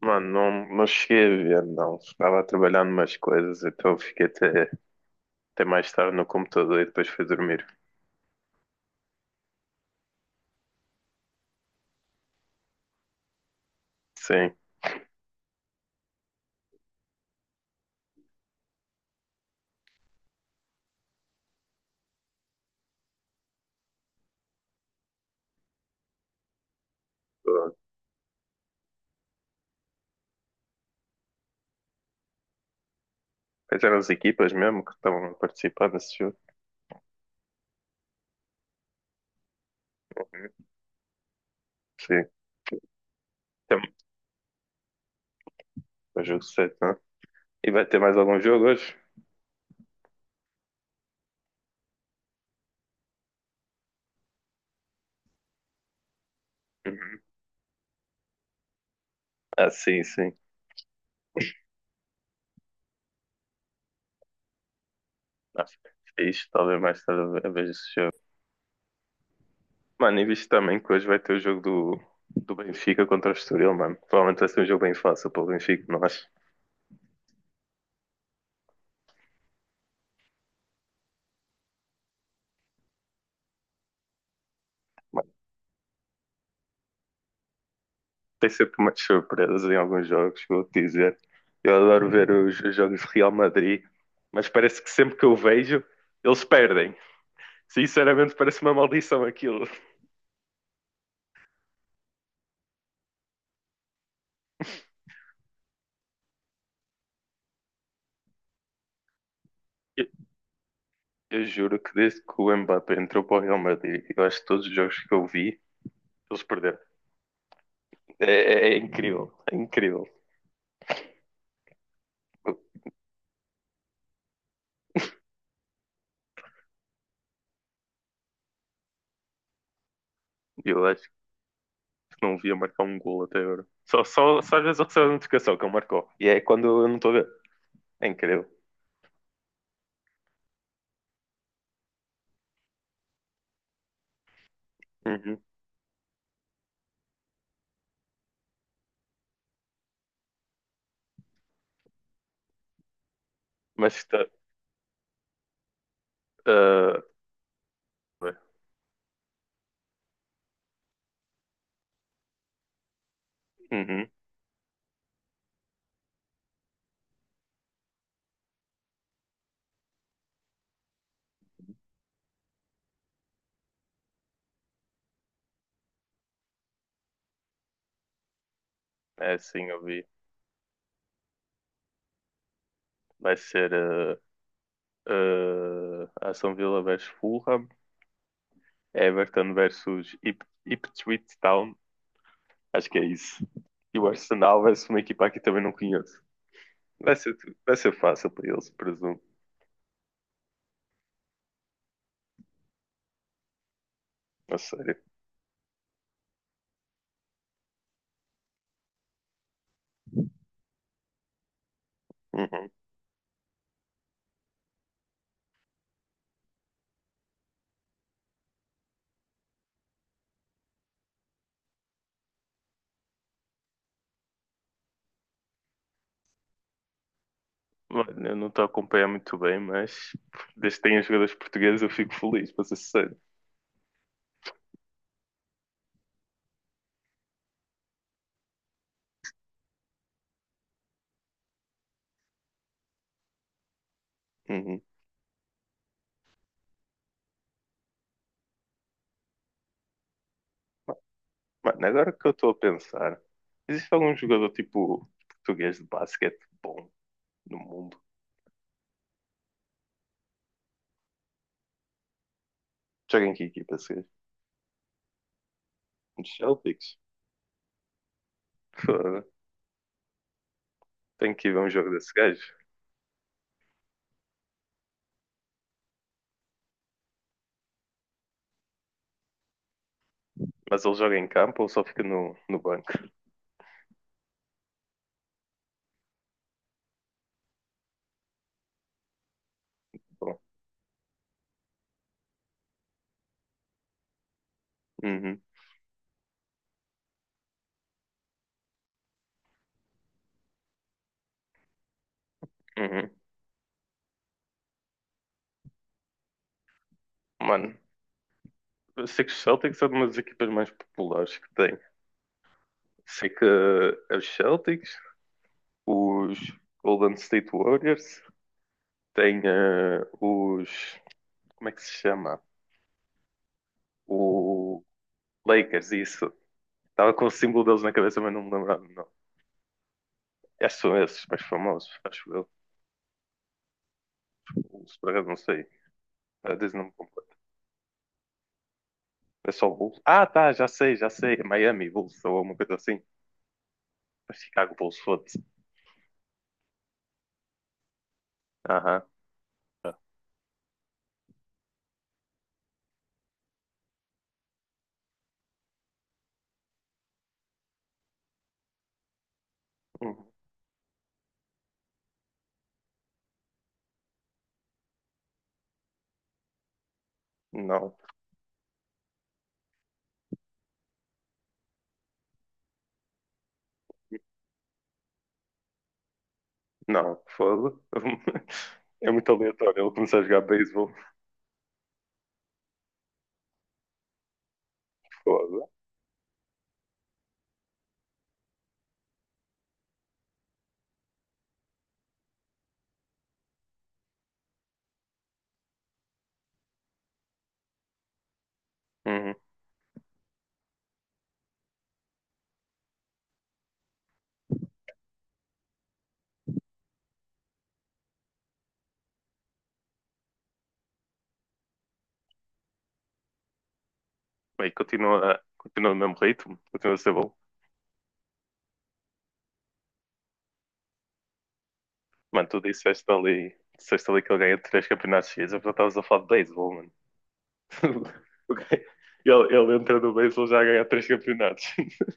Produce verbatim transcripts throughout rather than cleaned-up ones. Mano, não, não cheguei a ver, não. Estava a trabalhar numas coisas, então fiquei até, até mais tarde no computador e depois fui dormir. Sim. Pô, quais eram as equipas mesmo que estavam a participar nesse jogo? Uhum. Sim. Tem o jogo sete, não? E vai ter mais algum jogo hoje? Uhum. Ah, sim, sim. Ah, fixe, talvez mais tarde eu veja esse jogo. Mano, e visto também que hoje vai ter o jogo do, do Benfica contra o Estoril, mano. Provavelmente vai ser um jogo bem fácil para o Benfica, não acho? Tem sempre umas surpresas em alguns jogos, vou dizer. Eu adoro ver os os jogos de Real Madrid, mas parece que sempre que eu vejo, eles perdem. Sinceramente, parece uma maldição aquilo. Eu, eu juro que desde que o Mbappé entrou para o Real Madrid, eu acho que todos os jogos que eu vi, eles perderam. É, é- é incrível, é incrível. Eu, eu acho que não via marcar um gol até agora. Só, só, só às vezes eu recebo a notificação que ele marcou. E é quando eu não estou a ver. É incrível. Uhum. Mas está. É, sim, eu vi. Vai ser uh, uh, Aston Villa versus Fulham, Everton versus Ip- Ipswich Town. Acho que é isso. E o Arsenal versus uma equipa que também não conheço. Vai ser, tu- vai ser fácil para eles, presumo. A sério. Uhum. Mano, eu não estou a acompanhar muito bem, mas desde que tenha jogadores portugueses eu fico feliz, para ser sincero. Uhum. Mano, agora que eu estou a pensar, existe algum jogador tipo português de basquete bom no mundo? Joga em que equipa, se Celtics. Foda. Tenho que ir ver um jogo desse gajo. Mas ele joga em campo ou só fica no, no banco? Bom, uhum, uhum. Mano, eu sei que os Celtics são uma das equipas mais populares que tem. Sei que eh, os Celtics, os Golden State Warriors, tem eh, os. Como é que se chama? O Lakers, isso. Estava com o símbolo deles na cabeça, mas não me lembrava. Não. Acho que são esses mais famosos, acho eu. Os por acaso não sei. A Disney não me. É só o Bulls? Ah, tá, já sei, já sei. Miami Bulls ou alguma coisa assim. Chicago Bulls, foda-se. Aham. Ah, hum, não, não, foda. É muito aleatório ele começar a jogar beisebol. Foda. Uhum. Bem, continua, continua no mesmo ritmo, continua a ser bom. Mano, tu disseste ali, disseste ali que ele ganha três campeonatos seguidos, eu já estavas a falar de beisebol, mano. O gajo. Ele, ele entra no beisebol já a ganhar três campeonatos.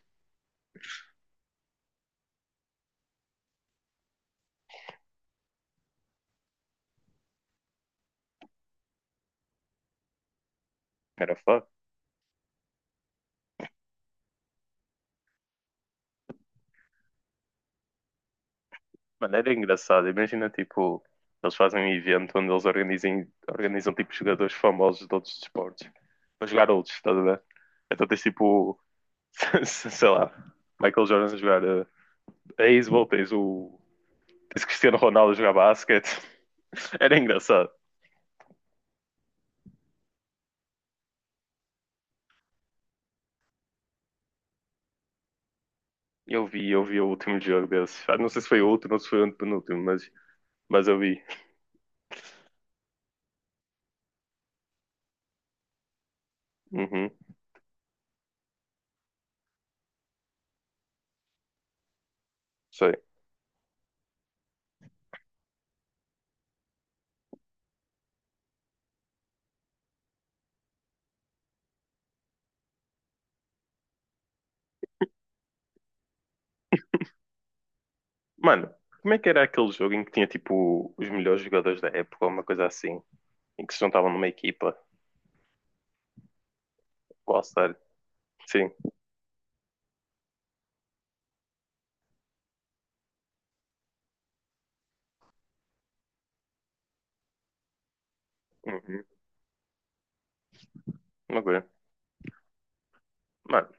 Era foda. Mano, era engraçado. Imagina, tipo, eles fazem um evento onde eles organizem, organizam, tipo, jogadores famosos de outros desportos para jogar outros, estás a ver? Então tens, tipo, sei lá, Michael Jordan a jogar eh, beisebol, tens o tens Cristiano Ronaldo a jogar basquete. Era engraçado. Eu vi, eu vi o último jogo desses. Ah, não sei se foi o último ou se foi o antepenúltimo, mas, mas eu vi. Uhum, sei. Mano, como é que era aquele jogo em que tinha, tipo, os melhores jogadores da época, ou uma coisa assim? Em que se juntavam numa equipa All-Star, sim. Uhum. Uma. Mano,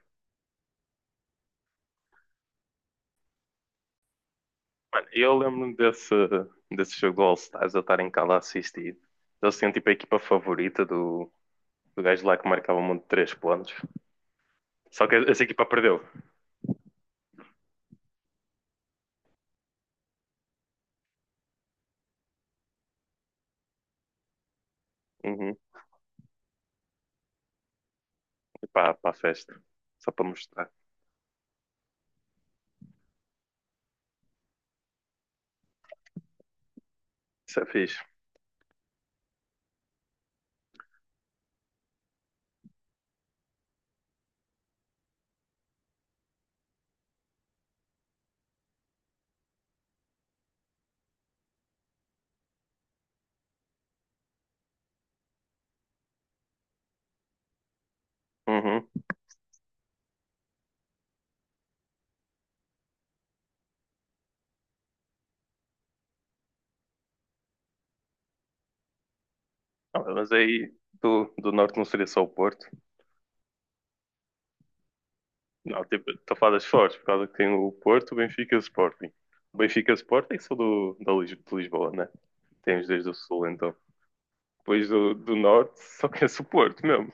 mano, eu lembro-me desse, desse jogo do All-Stars, eu estar em casa a assistir. Eles tinham tipo a equipa favorita do, do gajo lá que marcava um monte de três pontos. Só que essa equipa perdeu. Uhum. E para a festa. Só para mostrar. Isso é fixe. Uhum. Ah, mas aí do, do norte não seria só o Porto. Não, tipo, estou a falar das fortes, por causa que tem o Porto, o Benfica e o Sporting. O Benfica e o Sporting são do, da Lis- de Lisboa, né? Tem os dois do Sul, então. Depois do, do Norte, só conheço o Porto mesmo.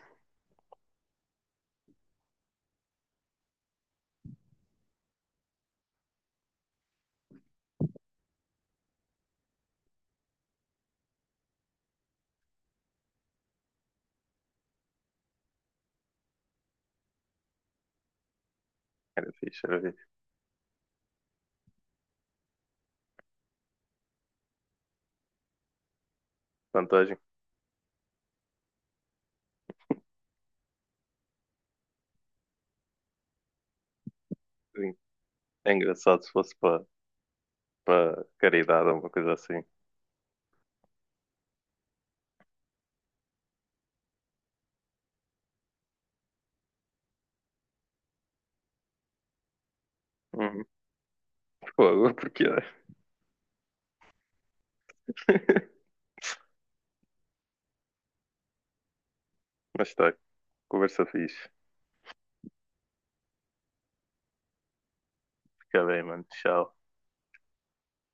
Era fixe, era fixe. Vantagem. Sim. É engraçado se fosse para para caridade ou uma coisa assim. Uhum. Fogo, porque é. Mas tá, conversa fixe. Fica bem, mano. Tchau.